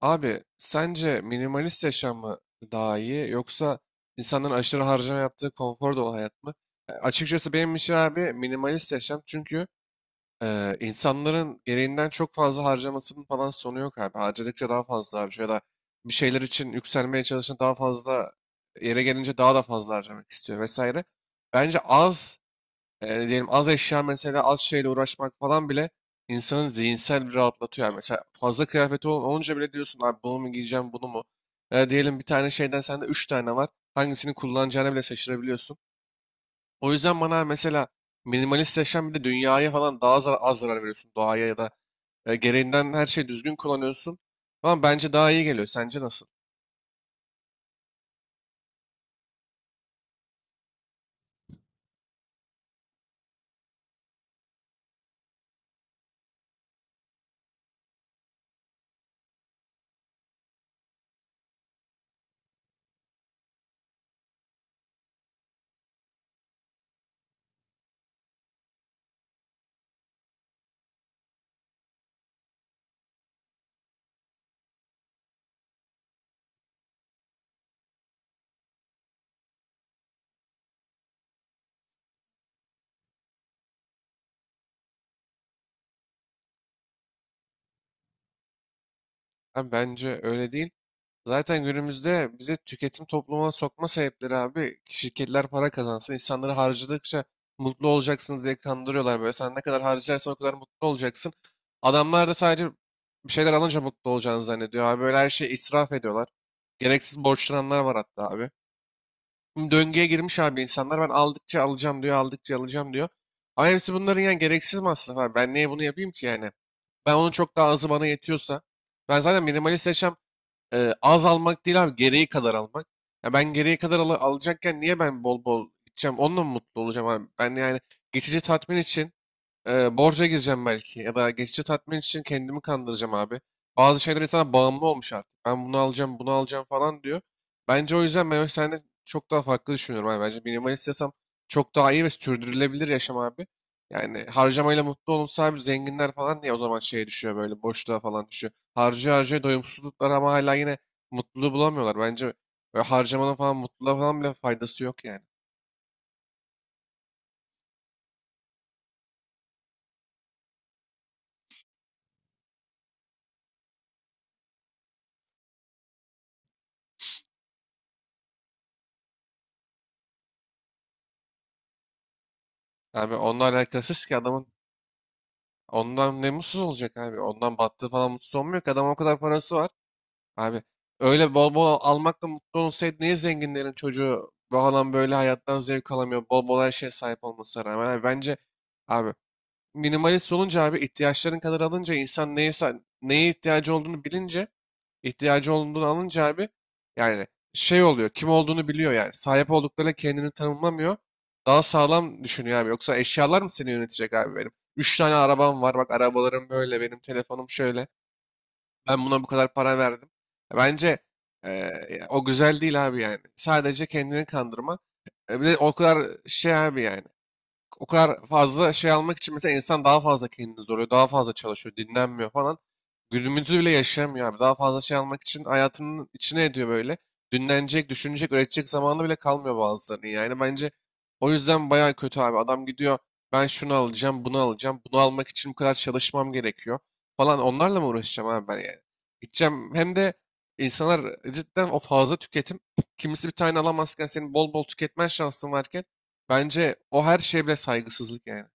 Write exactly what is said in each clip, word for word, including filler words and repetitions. Abi sence minimalist yaşam mı daha iyi yoksa insanların aşırı harcama yaptığı konfor dolu hayat mı? E, açıkçası benim için abi minimalist yaşam çünkü e, insanların gereğinden çok fazla harcamasının falan sonu yok abi. Harcadıkça daha fazla harcıyor ya da bir şeyler için yükselmeye çalışan daha fazla yere gelince daha da fazla harcamak istiyor vesaire. Bence az e, diyelim az eşya mesela az şeyle uğraşmak falan bile insanı zihinsel bir rahatlatıyor. Yani mesela fazla kıyafeti ol- olunca bile diyorsun abi bunu mu giyeceğim bunu mu? E, diyelim bir tane şeyden sende üç tane var. Hangisini kullanacağını bile şaşırabiliyorsun. O yüzden bana mesela minimalist yaşam bir de dünyaya falan daha zar- az zarar veriyorsun. Doğaya ya da e, gereğinden her şeyi düzgün kullanıyorsun. Ama bence daha iyi geliyor. Sence nasıl? Abi bence öyle değil. Zaten günümüzde bize tüketim toplumuna sokma sebepleri abi şirketler para kazansın, insanları harcadıkça mutlu olacaksınız diye kandırıyorlar böyle. Sen ne kadar harcarsan o kadar mutlu olacaksın. Adamlar da sadece bir şeyler alınca mutlu olacağını zannediyor abi. Böyle her şeyi israf ediyorlar. Gereksiz borçlananlar var hatta abi. Şimdi döngüye girmiş abi insanlar ben aldıkça alacağım diyor, aldıkça alacağım diyor. Ama hepsi bunların yani gereksiz masraf abi. Ben niye bunu yapayım ki yani? Ben onun çok daha azı bana yetiyorsa. Ben zaten minimalist yaşam e, az almak değil abi gereği kadar almak. Ya ben gereği kadar ala- alacakken niye ben bol bol gideceğim? Onunla mı mutlu olacağım abi? Ben yani geçici tatmin için e, borca gireceğim belki ya da geçici tatmin için kendimi kandıracağım abi. Bazı şeyler insana bağımlı olmuş artık. Ben bunu alacağım, bunu alacağım falan diyor. Bence o yüzden ben o senden çok daha farklı düşünüyorum abi. Bence minimalist yaşam çok daha iyi ve sürdürülebilir yaşam abi. Yani harcamayla mutlu olunsa abi zenginler falan diye o zaman şeye düşüyor böyle boşluğa falan düşüyor. Harcıyor harcıyor doyumsuzluklar ama hala yine mutluluğu bulamıyorlar. Bence böyle harcamanın falan mutluluğa falan bile faydası yok yani. Abi onunla alakasız ki adamın. Ondan ne mutsuz olacak abi? Ondan battığı falan mutsuz olmuyor ki. Adam o kadar parası var. Abi öyle bol bol almakla mutlu olsaydı niye zenginlerin çocuğu bu adam böyle hayattan zevk alamıyor? Bol bol her şeye sahip olmasına rağmen. Abi bence abi minimalist olunca abi ihtiyaçların kadar alınca insan neyse neye ihtiyacı olduğunu bilince ihtiyacı olduğunu alınca abi yani şey oluyor kim olduğunu biliyor yani sahip olduklarıyla kendini tanımlamıyor daha sağlam düşünüyor abi yoksa eşyalar mı seni yönetecek abi benim üç tane arabam var bak arabalarım böyle benim telefonum şöyle ben buna bu kadar para verdim bence eee, o güzel değil abi yani sadece kendini kandırma. E, bir de o kadar şey abi yani o kadar fazla şey almak için mesela insan daha fazla kendini zorluyor, daha fazla çalışıyor, dinlenmiyor falan. Günümüzü bile yaşamıyor abi. Daha fazla şey almak için hayatının içine ediyor böyle. Dinlenecek, düşünecek, üretecek zamanı bile kalmıyor bazılarının. Yani bence o yüzden bayağı kötü abi. Adam gidiyor ben şunu alacağım, bunu alacağım. Bunu almak için bu kadar çalışmam gerekiyor falan. Onlarla mı uğraşacağım abi ben yani? Gideceğim hem de insanlar cidden o fazla tüketim. Kimisi bir tane alamazken senin bol bol tüketmen şansın varken bence o her şeye bile saygısızlık yani.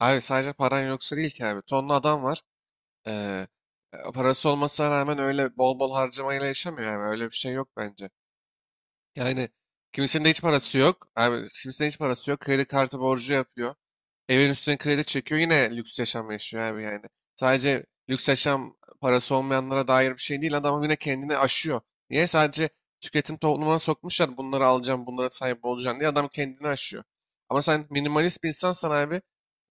Abi sadece paran yoksa değil ki abi. Tonlu adam var. Ee, e, parası olmasına rağmen öyle bol bol harcamayla yaşamıyor yani. Öyle bir şey yok bence. Yani kimisinin de hiç parası yok. Abi kimisinin hiç parası yok. Kredi kartı borcu yapıyor. Evin üstüne kredi çekiyor yine lüks yaşam yaşıyor abi yani. Sadece lüks yaşam parası olmayanlara dair bir şey değil. Adam yine kendini aşıyor. Niye? Sadece tüketim toplumuna sokmuşlar. Bunları alacağım, bunlara sahip olacağım diye adam kendini aşıyor. Ama sen minimalist bir insansan abi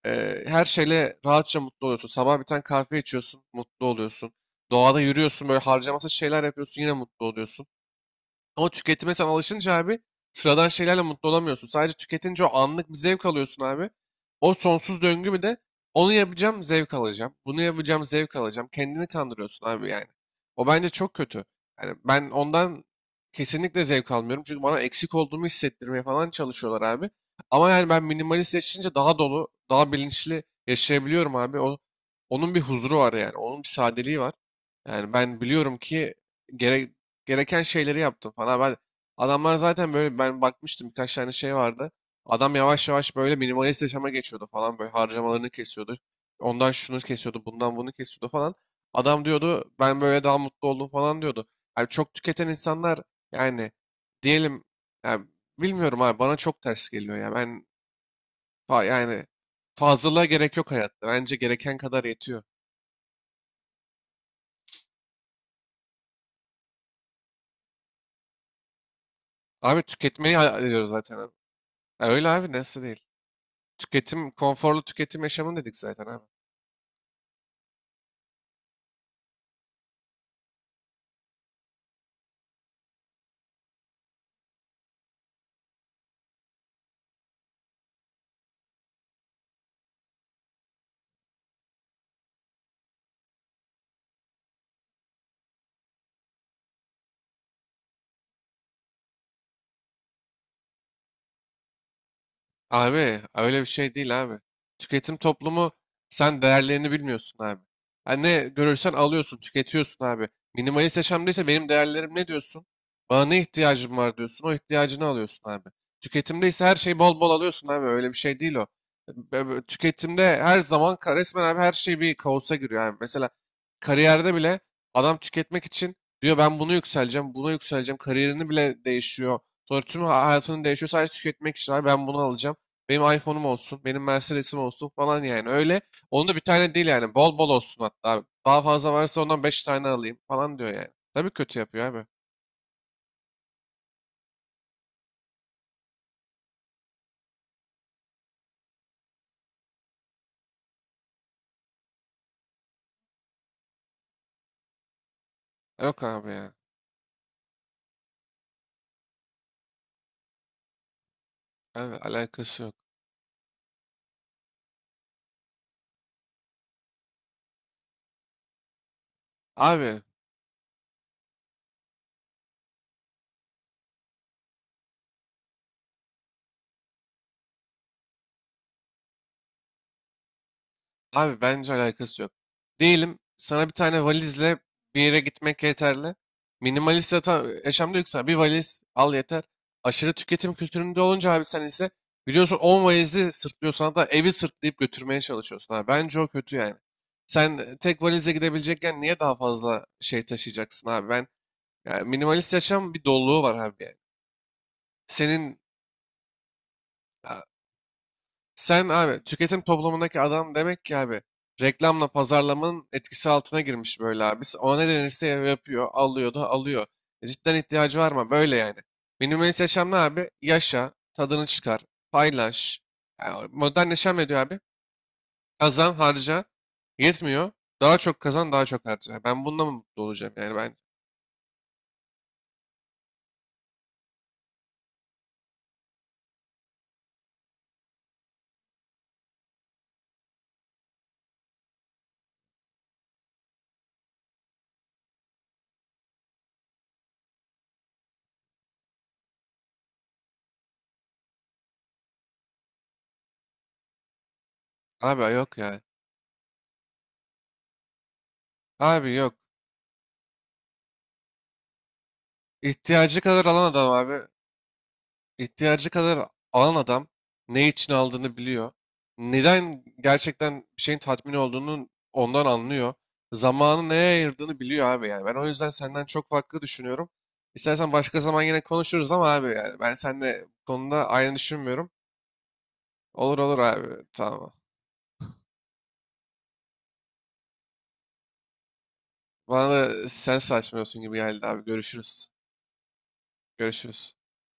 e, her şeyle rahatça mutlu oluyorsun. Sabah bir tane kahve içiyorsun, mutlu oluyorsun. Doğada yürüyorsun, böyle harcamasız şeyler yapıyorsun, yine mutlu oluyorsun. Ama tüketime sen alışınca abi sıradan şeylerle mutlu olamıyorsun. Sadece tüketince o anlık bir zevk alıyorsun abi. O sonsuz döngü bir de onu yapacağım zevk alacağım. Bunu yapacağım zevk alacağım. Kendini kandırıyorsun abi yani. O bence çok kötü. Yani ben ondan kesinlikle zevk almıyorum. Çünkü bana eksik olduğumu hissettirmeye falan çalışıyorlar abi. Ama yani ben minimalist yaşayınca daha dolu, daha bilinçli yaşayabiliyorum abi. O, onun bir huzuru var yani. Onun bir sadeliği var. Yani ben biliyorum ki gerek gereken şeyleri yaptım falan. Ben adamlar zaten böyle ben bakmıştım birkaç tane şey vardı. Adam yavaş yavaş böyle minimalist yaşama geçiyordu falan böyle harcamalarını kesiyordu. Ondan şunu kesiyordu, bundan bunu kesiyordu falan. Adam diyordu ben böyle daha mutlu oldum falan diyordu. Yani çok tüketen insanlar yani diyelim yani bilmiyorum abi bana çok ters geliyor ya. Ben fa- yani fazlalığa gerek yok hayatta. Bence gereken kadar yetiyor. Abi tüketmeyi ha- ediyoruz zaten abi. Ya öyle abi nasıl değil. Tüketim, konforlu tüketim yaşamı dedik zaten abi. Abi öyle bir şey değil abi. Tüketim toplumu sen değerlerini bilmiyorsun abi. Yani ne görürsen alıyorsun, tüketiyorsun abi. Minimalist yaşamdaysa benim değerlerim ne diyorsun? Bana ne ihtiyacım var diyorsun, o ihtiyacını alıyorsun abi. Tüketimdeyse her şeyi bol bol alıyorsun abi. Öyle bir şey değil o. Be- be- Tüketimde her zaman ka- resmen abi her şey bir kaosa giriyor abi. Mesela kariyerde bile adam tüketmek için diyor ben bunu yükseleceğim, buna yükseleceğim. Kariyerini bile değişiyor. Sonra tüm hayatının değişiyor sadece tüketmek için abi ben bunu alacağım. Benim iPhone'um olsun, benim Mercedes'im olsun falan yani öyle. Onun da bir tane değil yani bol bol olsun hatta abi. Daha fazla varsa ondan beş tane alayım falan diyor yani. Tabii kötü yapıyor abi. Yok abi ya. Abi alakası yok. Abi abi bence alakası yok. Diyelim sana bir tane valizle bir yere gitmek yeterli. Minimalist yata- yaşamda yüksel. Bir valiz al yeter. Aşırı tüketim kültüründe olunca abi sen ise biliyorsun on valizi sırtlıyorsun hatta evi sırtlayıp götürmeye çalışıyorsun. Abi. Bence o kötü yani. Sen tek valizle gidebilecekken niye daha fazla şey taşıyacaksın abi? Ben yani minimalist yaşam bir doluluğu var abi yani. Senin sen abi tüketim toplumundaki adam demek ki abi reklamla pazarlamanın etkisi altına girmiş böyle abi. Ona ne denirse yapıyor, alıyor da alıyor. E cidden ihtiyacı var mı? Böyle yani. Minimalist yaşam ne abi? Yaşa, tadını çıkar, paylaş. Yani modern yaşam ne diyor abi? Kazan, harca. Yetmiyor. Daha çok kazan, daha çok harca. Ben bununla mı mutlu olacağım yani ben? Abi yok ya. Abi yok. İhtiyacı kadar alan adam abi. İhtiyacı kadar alan adam ne için aldığını biliyor. Neden gerçekten bir şeyin tatmin olduğunu ondan anlıyor. Zamanı neye ayırdığını biliyor abi yani. Ben o yüzden senden çok farklı düşünüyorum. İstersen başka zaman yine konuşuruz ama abi yani ben seninle bu konuda aynı düşünmüyorum. Olur olur abi tamam. Bana da sen saçmalıyorsun gibi geldi abi. Görüşürüz. Görüşürüz.